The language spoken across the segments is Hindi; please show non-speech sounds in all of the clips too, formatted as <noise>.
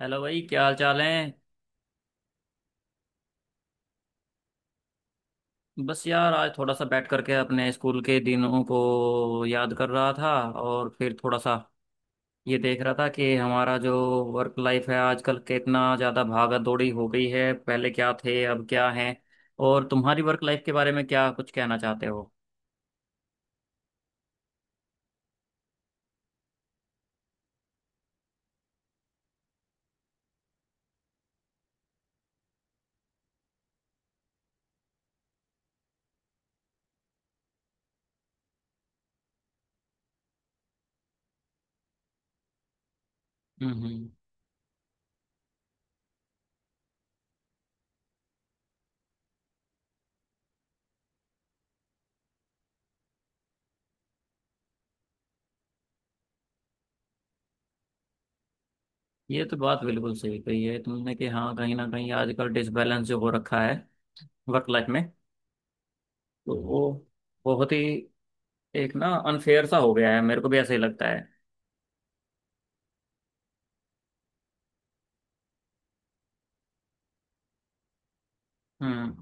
हेलो भाई, क्या हाल चाल है। बस यार, आज थोड़ा सा बैठ करके अपने स्कूल के दिनों को याद कर रहा था और फिर थोड़ा सा ये देख रहा था कि हमारा जो वर्क लाइफ है आजकल कितना ज़्यादा भागा दौड़ी हो गई है, पहले क्या थे अब क्या हैं। और तुम्हारी वर्क लाइफ के बारे में क्या कुछ कहना चाहते हो। हम्म। ये तो बात बिल्कुल सही कही है तुमने कि हाँ, कहीं ना कहीं आजकल डिसबैलेंस जो हो रखा है वर्क लाइफ में। तो वो बहुत ही एक ना अनफेयर सा हो गया है, मेरे को भी ऐसा ही लगता है। हम्म।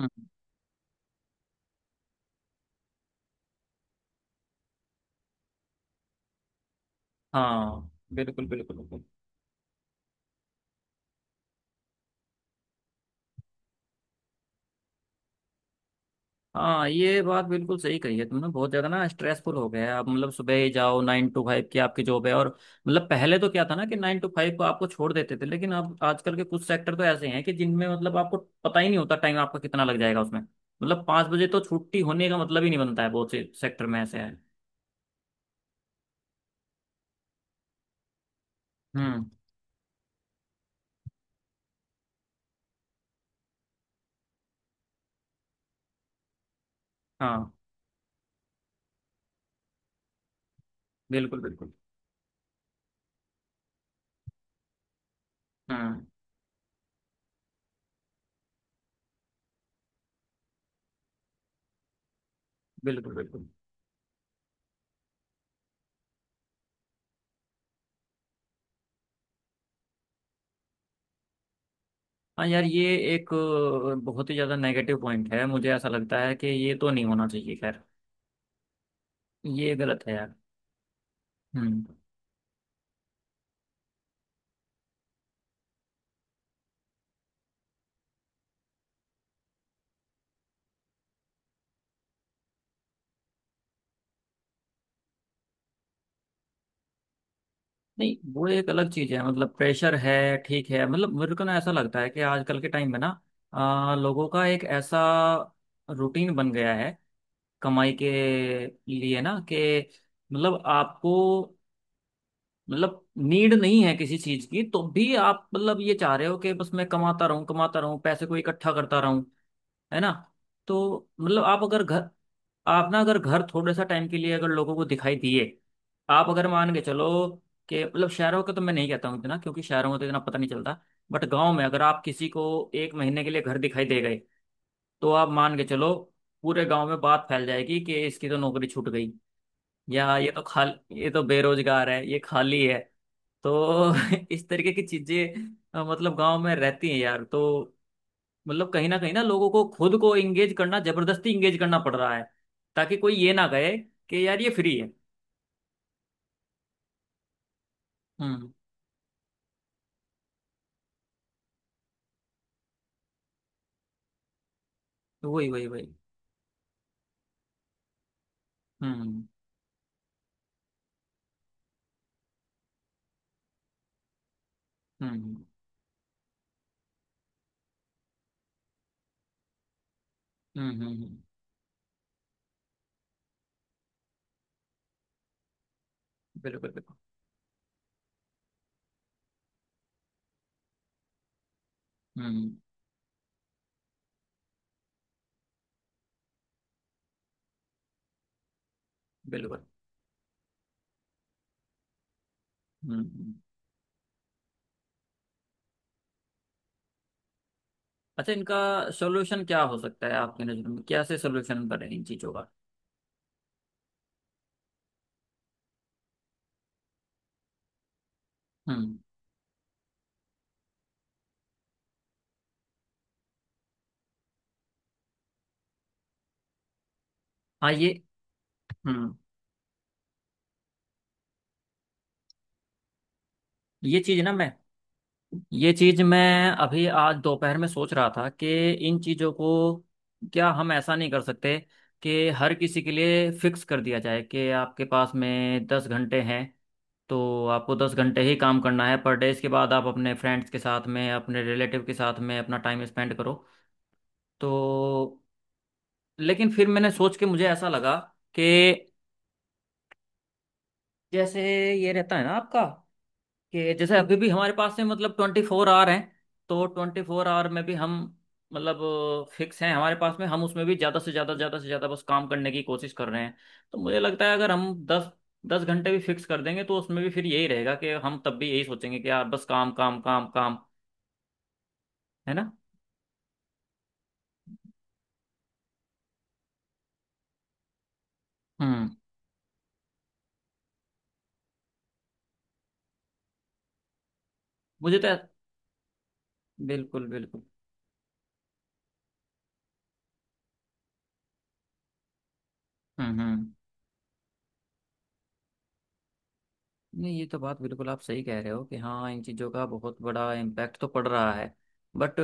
हम्म। हाँ, बिल्कुल बिल्कुल बिल्कुल। हाँ, ये बात बिल्कुल सही कही है तुमने, बहुत ज्यादा ना स्ट्रेसफुल हो गया है। आप मतलब सुबह ही जाओ, 9 to 5 की आपकी जॉब है। और मतलब पहले तो क्या था ना कि 9 to 5 को आपको छोड़ देते थे, लेकिन अब आजकल के कुछ सेक्टर तो ऐसे हैं कि जिनमें मतलब आपको पता ही नहीं होता टाइम आपका कितना लग जाएगा उसमें। मतलब 5 बजे तो छुट्टी होने का मतलब ही नहीं बनता है, बहुत से सेक्टर में ऐसे है। हम्म। हाँ, बिल्कुल बिल्कुल। हम्म। बिल्कुल बिल्कुल। हाँ यार, ये एक बहुत ही ज्यादा नेगेटिव पॉइंट है, मुझे ऐसा लगता है कि ये तो नहीं होना चाहिए। खैर, ये गलत है यार। हम्म। नहीं, वो एक अलग चीज है। मतलब प्रेशर है, ठीक है। मतलब मेरे को ना ऐसा लगता है कि आजकल के टाइम में ना लोगों का एक ऐसा रूटीन बन गया है कमाई के लिए ना, कि मतलब आपको मतलब नीड नहीं है किसी चीज की, तो भी आप मतलब ये चाह रहे हो कि बस मैं कमाता रहूं पैसे को इकट्ठा करता, है ना। तो मतलब आप ना अगर घर थोड़े सा टाइम के लिए अगर लोगों को दिखाई दिए, आप अगर मान के चलो कि मतलब शहरों का तो मैं नहीं कहता हूँ इतना, क्योंकि शहरों में तो इतना पता नहीं चलता। बट गांव में अगर आप किसी को 1 महीने के लिए घर दिखाई दे गए, तो आप मान के चलो पूरे गांव में बात फैल जाएगी कि इसकी तो नौकरी छूट गई, या ये तो बेरोजगार है, ये खाली है। तो <laughs> इस तरीके की चीजें मतलब गांव में रहती हैं यार। तो मतलब कहीं ना लोगों को खुद को इंगेज करना जबरदस्ती इंगेज करना पड़ रहा है, ताकि कोई ये ना कहे कि यार ये फ्री है। हम्म। वही वही वही। हम्म। हम्म। हम्म। हम्म। बिल्कुल बिल्कुल। हम्म। बिल्कुल। हम्म। हम्म। अच्छा, इनका सोल्यूशन क्या हो सकता है आपकी नज़र में, क्या से सोल्यूशन बने इन चीज़ों का। हम्म। हाँ, ये हम्म। ये चीज़ ना मैं ये चीज मैं अभी आज दोपहर में सोच रहा था कि इन चीजों को, क्या हम ऐसा नहीं कर सकते कि हर किसी के लिए फिक्स कर दिया जाए कि आपके पास में 10 घंटे हैं, तो आपको 10 घंटे ही काम करना है पर डे। इसके बाद आप अपने फ्रेंड्स के साथ में अपने रिलेटिव के साथ में अपना टाइम स्पेंड करो। तो लेकिन फिर मैंने सोच के मुझे ऐसा लगा कि जैसे ये रहता है ना आपका, कि जैसे अभी भी हमारे पास में मतलब 24 आवर हैं, तो 24 आवर में भी हम मतलब फिक्स हैं हमारे पास में, हम उसमें भी ज़्यादा से ज़्यादा बस काम करने की कोशिश कर रहे हैं। तो मुझे लगता है अगर हम दस दस घंटे भी फिक्स कर देंगे, तो उसमें भी फिर यही रहेगा कि हम तब भी यही सोचेंगे कि यार बस काम काम काम काम, है ना। हम्म। मुझे तो। बिल्कुल बिल्कुल। हम्म। हम्म। नहीं, ये तो बात बिल्कुल आप सही कह रहे हो कि हाँ, इन चीज़ों का बहुत बड़ा इम्पैक्ट तो पड़ रहा है। बट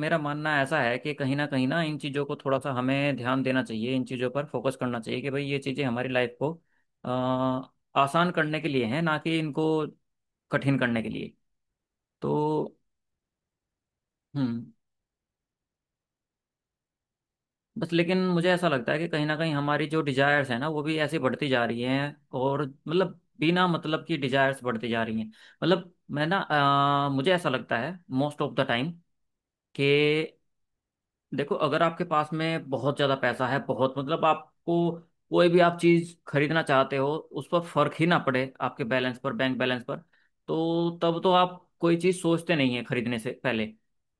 मेरा मानना ऐसा है कि कहीं ना इन चीज़ों को थोड़ा सा हमें ध्यान देना चाहिए, इन चीज़ों पर फोकस करना चाहिए कि भाई ये चीज़ें हमारी लाइफ को आसान करने के लिए हैं, ना कि इनको कठिन करने के लिए। तो हम्म। बस लेकिन मुझे ऐसा लगता है कि कहीं ना कहीं हमारी जो डिजायर्स है ना, वो भी ऐसी बढ़ती जा रही हैं और मतलब बिना मतलब की डिजायर्स बढ़ती जा रही हैं। मतलब मैं ना मुझे ऐसा लगता है मोस्ट ऑफ द टाइम कि देखो, अगर आपके पास में बहुत ज्यादा पैसा है, बहुत मतलब आपको कोई भी आप चीज खरीदना चाहते हो उस पर फर्क ही ना पड़े आपके बैलेंस पर बैंक बैलेंस पर, तो तब तो आप कोई चीज सोचते नहीं है खरीदने से पहले।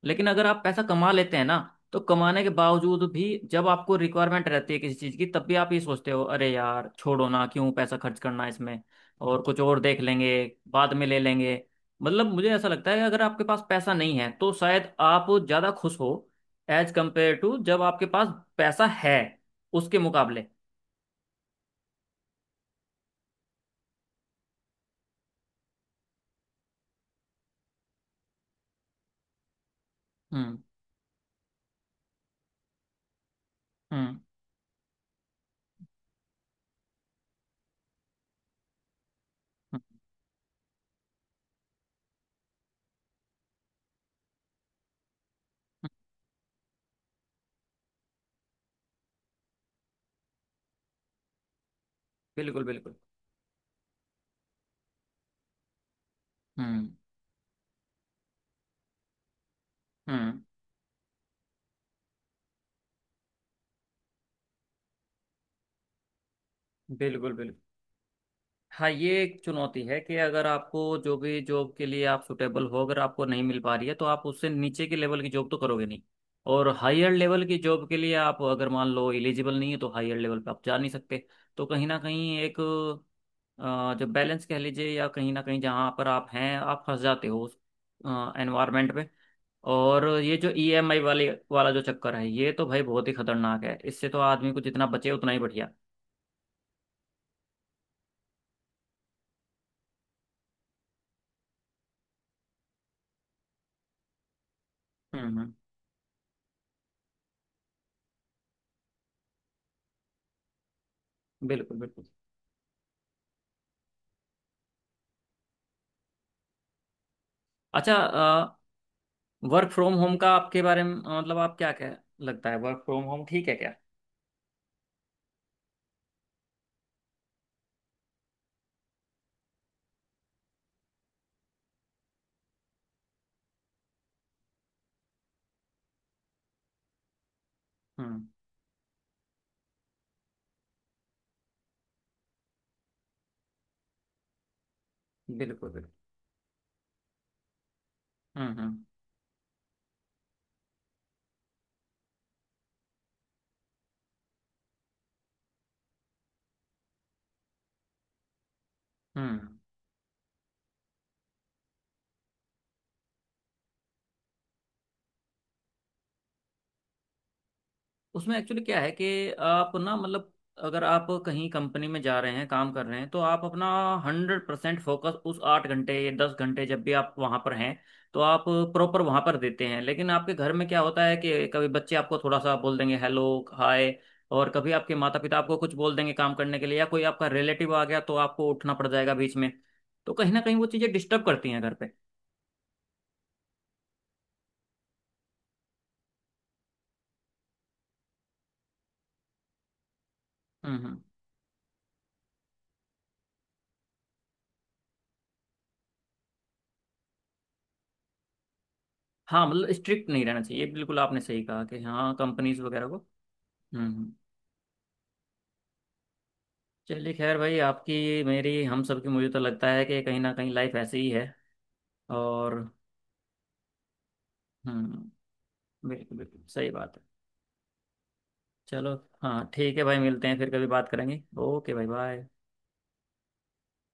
लेकिन अगर आप पैसा कमा लेते हैं ना, तो कमाने के बावजूद भी जब आपको रिक्वायरमेंट रहती है किसी चीज की, तब भी आप ये सोचते हो अरे यार छोड़ो ना, क्यों पैसा खर्च करना इसमें, और कुछ और देख लेंगे, बाद में ले लेंगे। मतलब मुझे ऐसा लगता है कि अगर आपके पास पैसा नहीं है, तो शायद आप ज्यादा खुश हो, एज कंपेयर टू जब आपके पास पैसा है, उसके मुकाबले। हम्म। हम्म। हम्म। बिल्कुल बिल्कुल। हम्म। हम्म, बिल्कुल बिल्कुल। हाँ, ये एक चुनौती है कि अगर आपको जो भी जॉब के लिए आप सुटेबल हो, अगर आपको नहीं मिल पा रही है, तो आप उससे नीचे के लेवल की जॉब तो करोगे नहीं। और हायर लेवल की जॉब के लिए आप अगर मान लो एलिजिबल नहीं है, तो हायर लेवल पे आप जा नहीं सकते। तो कहीं ना कहीं एक जो बैलेंस कह लीजिए, या कहीं ना कहीं जहाँ पर आप हैं आप फंस जाते हो उस एनवायरमेंट में। और ये जो ईएमआई वाले वाला जो चक्कर है, ये तो भाई बहुत ही खतरनाक है, इससे तो आदमी को जितना बचे उतना ही बढ़िया। हम्म। बिल्कुल बिल्कुल। अच्छा, वर्क फ्रॉम होम का आपके बारे में मतलब आप क्या क्या लगता है, वर्क फ्रॉम होम ठीक है क्या। हम्म। बिल्कुल बिल्कुल। हम्म। हम्म। हम्म। उसमें एक्चुअली क्या है कि आप ना मतलब, अगर आप कहीं कंपनी में जा रहे हैं काम कर रहे हैं, तो आप अपना 100% फोकस उस 8 घंटे या 10 घंटे जब भी आप वहाँ पर हैं, तो आप प्रॉपर वहाँ पर देते हैं। लेकिन आपके घर में क्या होता है कि कभी बच्चे आपको थोड़ा सा बोल देंगे हेलो हाय, और कभी आपके माता पिता आपको कुछ बोल देंगे काम करने के लिए, या कोई आपका रिलेटिव आ गया तो आपको उठना पड़ जाएगा बीच में। तो कहीं ना कहीं वो चीज़ें डिस्टर्ब करती हैं घर पे। हम्म। हम्म। हाँ, मतलब स्ट्रिक्ट नहीं रहना चाहिए, ये बिल्कुल आपने सही कहा कि हाँ कंपनीज वगैरह को। हम्म। हम्म। चलिए खैर भाई, आपकी मेरी हम सबकी मुझे तो लगता है कि कहीं ना कहीं लाइफ ऐसी ही है। और हम्म। बिल्कुल बिल्कुल सही बात है। चलो, हाँ ठीक है भाई, मिलते हैं फिर कभी बात करेंगे। ओके भाई, बाय।